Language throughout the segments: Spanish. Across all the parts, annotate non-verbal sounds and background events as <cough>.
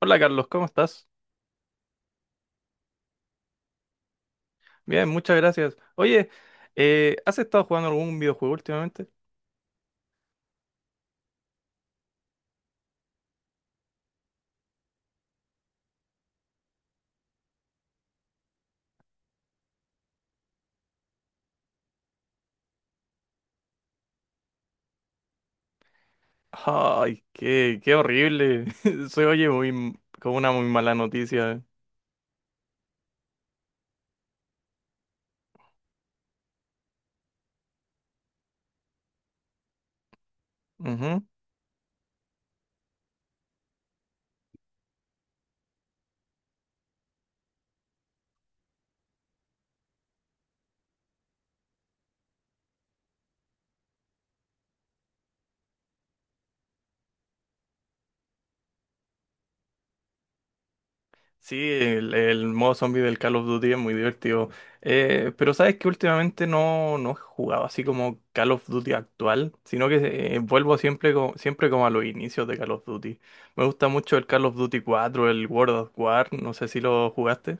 Hola Carlos, ¿cómo estás? Bien, muchas gracias. Oye, ¿has estado jugando algún videojuego últimamente? Ay, qué horrible. <laughs> Se oye como una muy mala noticia. Ujú. Sí, el modo zombie del Call of Duty es muy divertido. Pero sabes que últimamente no he jugado así como Call of Duty actual, sino que vuelvo siempre como a los inicios de Call of Duty. Me gusta mucho el Call of Duty 4, el World of War, no sé si lo jugaste.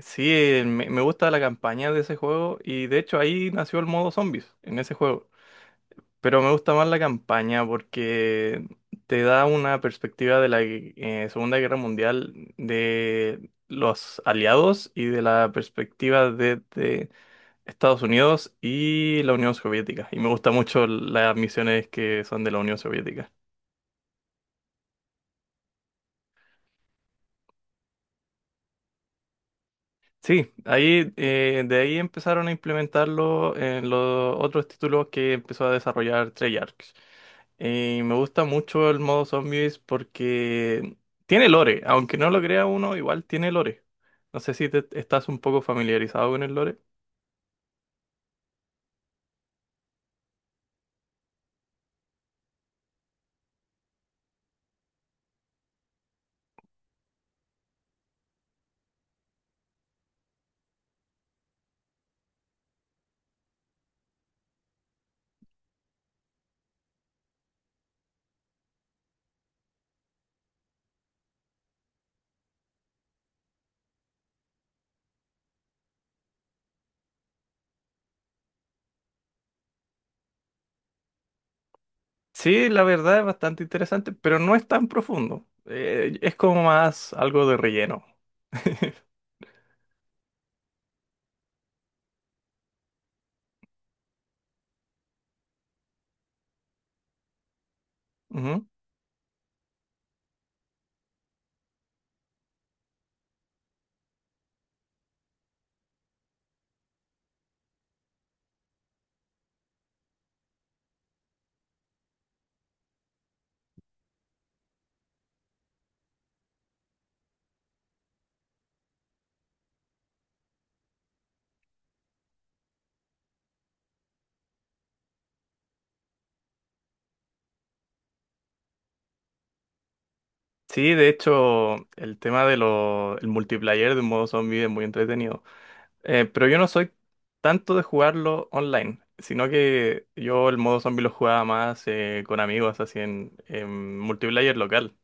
Sí, me gusta la campaña de ese juego y de hecho ahí nació el modo zombies en ese juego. Pero me gusta más la campaña porque te da una perspectiva de la Segunda Guerra Mundial de los aliados y de la perspectiva de Estados Unidos y la Unión Soviética. Y me gusta mucho las misiones que son de la Unión Soviética. Sí, ahí de ahí empezaron a implementarlo en los otros títulos que empezó a desarrollar Treyarch. Y me gusta mucho el modo zombies porque tiene lore, aunque no lo crea uno, igual tiene lore. No sé si te estás un poco familiarizado con el lore. Sí, la verdad es bastante interesante, pero no es tan profundo. Es como más algo de relleno. <laughs> Ujú. Sí, de hecho, el tema de lo, el multiplayer de modo zombie es muy entretenido. Pero yo no soy tanto de jugarlo online, sino que yo el modo zombie lo jugaba más con amigos, así en multiplayer local.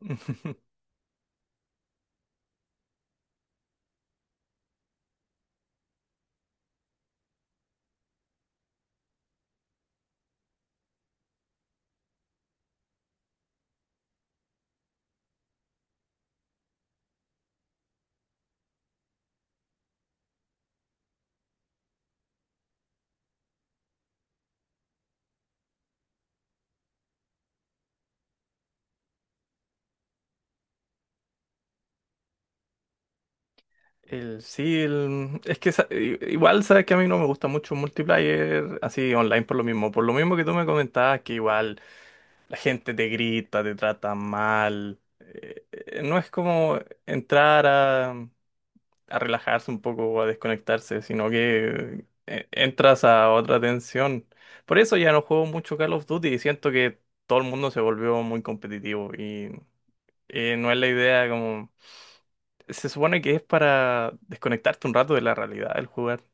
<laughs> El, sí, el- es que sa- i- Igual sabes que a mí no me gusta mucho un multiplayer así online por lo mismo que tú me comentabas que igual la gente te grita, te trata mal, no es como entrar a relajarse un poco o a desconectarse, sino que entras a otra tensión. Por eso ya no juego mucho Call of Duty y siento que todo el mundo se volvió muy competitivo y, no es la idea como... Se supone que es para desconectarte un rato de la realidad del jugar.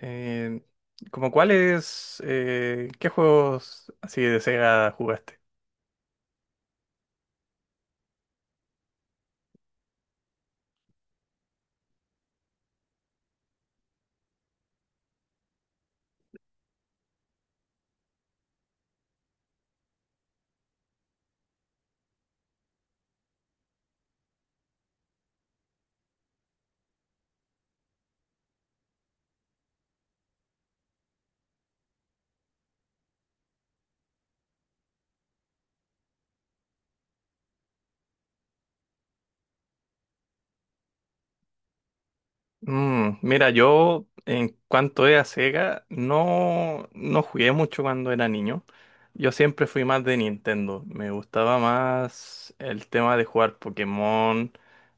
Eh, como cuáles, ¿qué juegos así de Sega jugaste? Mm, mira, yo en cuanto es a Sega, no jugué mucho cuando era niño. Yo siempre fui más de Nintendo. Me gustaba más el tema de jugar Pokémon,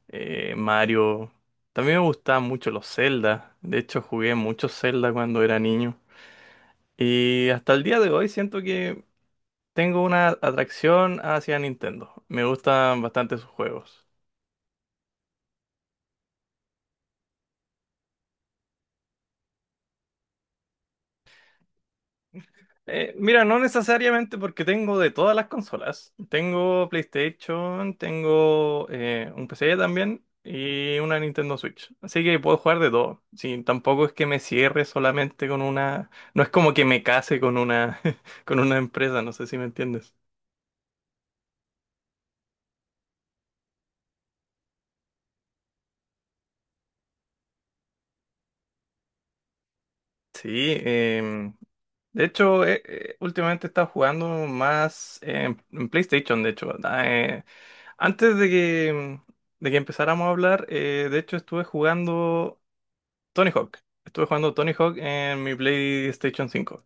Mario. También me gustaban mucho los Zelda. De hecho, jugué mucho Zelda cuando era niño. Y hasta el día de hoy siento que tengo una atracción hacia Nintendo. Me gustan bastante sus juegos. Mira, no necesariamente porque tengo de todas las consolas. Tengo PlayStation, tengo un PC también y una Nintendo Switch. Así que puedo jugar de todo. Sí, tampoco es que me cierre solamente con una... No es como que me case con una, <laughs> con una empresa, no sé si me entiendes. Sí, de hecho, últimamente he estado jugando más en PlayStation, de hecho. Eh, antes de de que empezáramos a hablar, de hecho estuve jugando Tony Hawk. Estuve jugando Tony Hawk en mi PlayStation 5.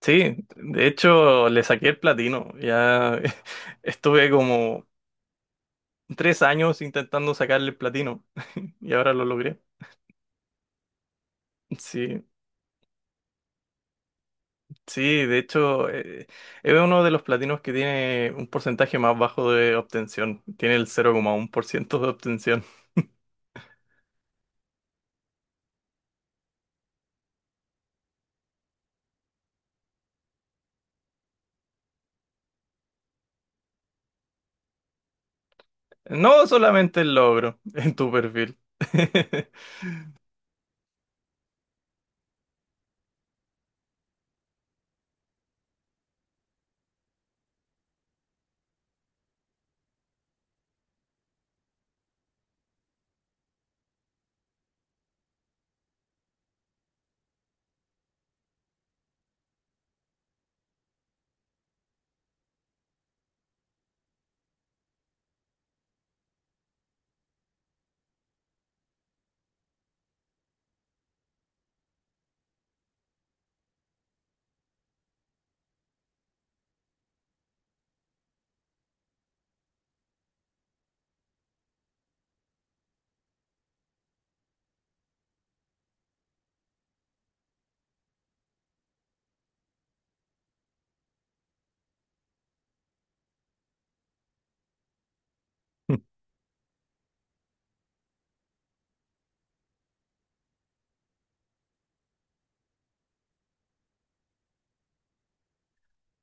Sí, de hecho le saqué el platino. Ya <laughs> estuve como 3 años intentando sacarle el platino y ahora lo logré. Sí, sí, de hecho es uno de los platinos que tiene un porcentaje más bajo de obtención. Tiene el 0,1% de obtención. No solamente el logro <laughs> en tu perfil. <laughs>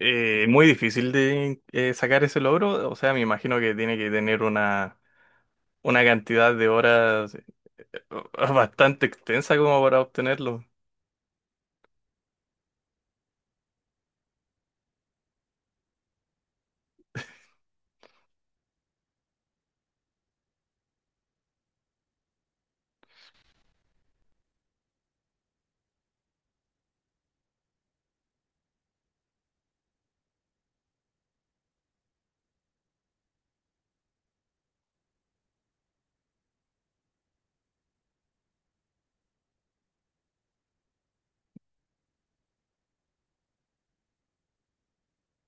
Muy difícil de sacar ese logro, o sea, me imagino que tiene que tener una cantidad de horas <laughs> bastante extensa como para obtenerlo.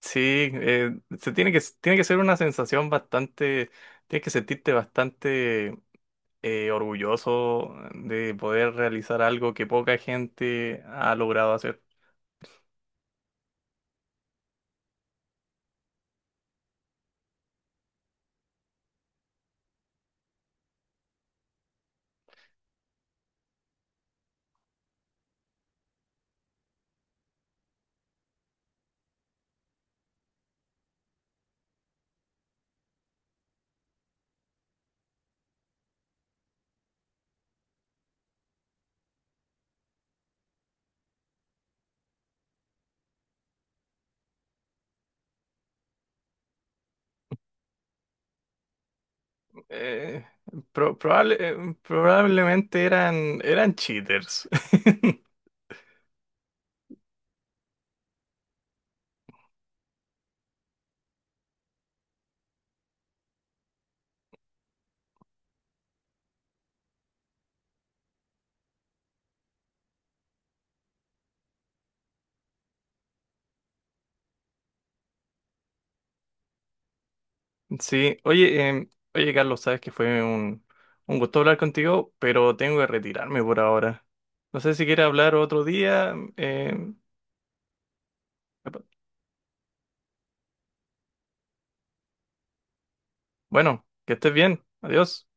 Sí, se tiene tiene que ser una sensación bastante, tienes que sentirte bastante orgulloso de poder realizar algo que poca gente ha logrado hacer. Eh, Probablemente eran cheaters. <laughs> Sí, oye, oye Carlos, sabes que fue un gusto hablar contigo, pero tengo que retirarme por ahora. No sé si quieres hablar otro día. Bueno, que estés bien. Adiós.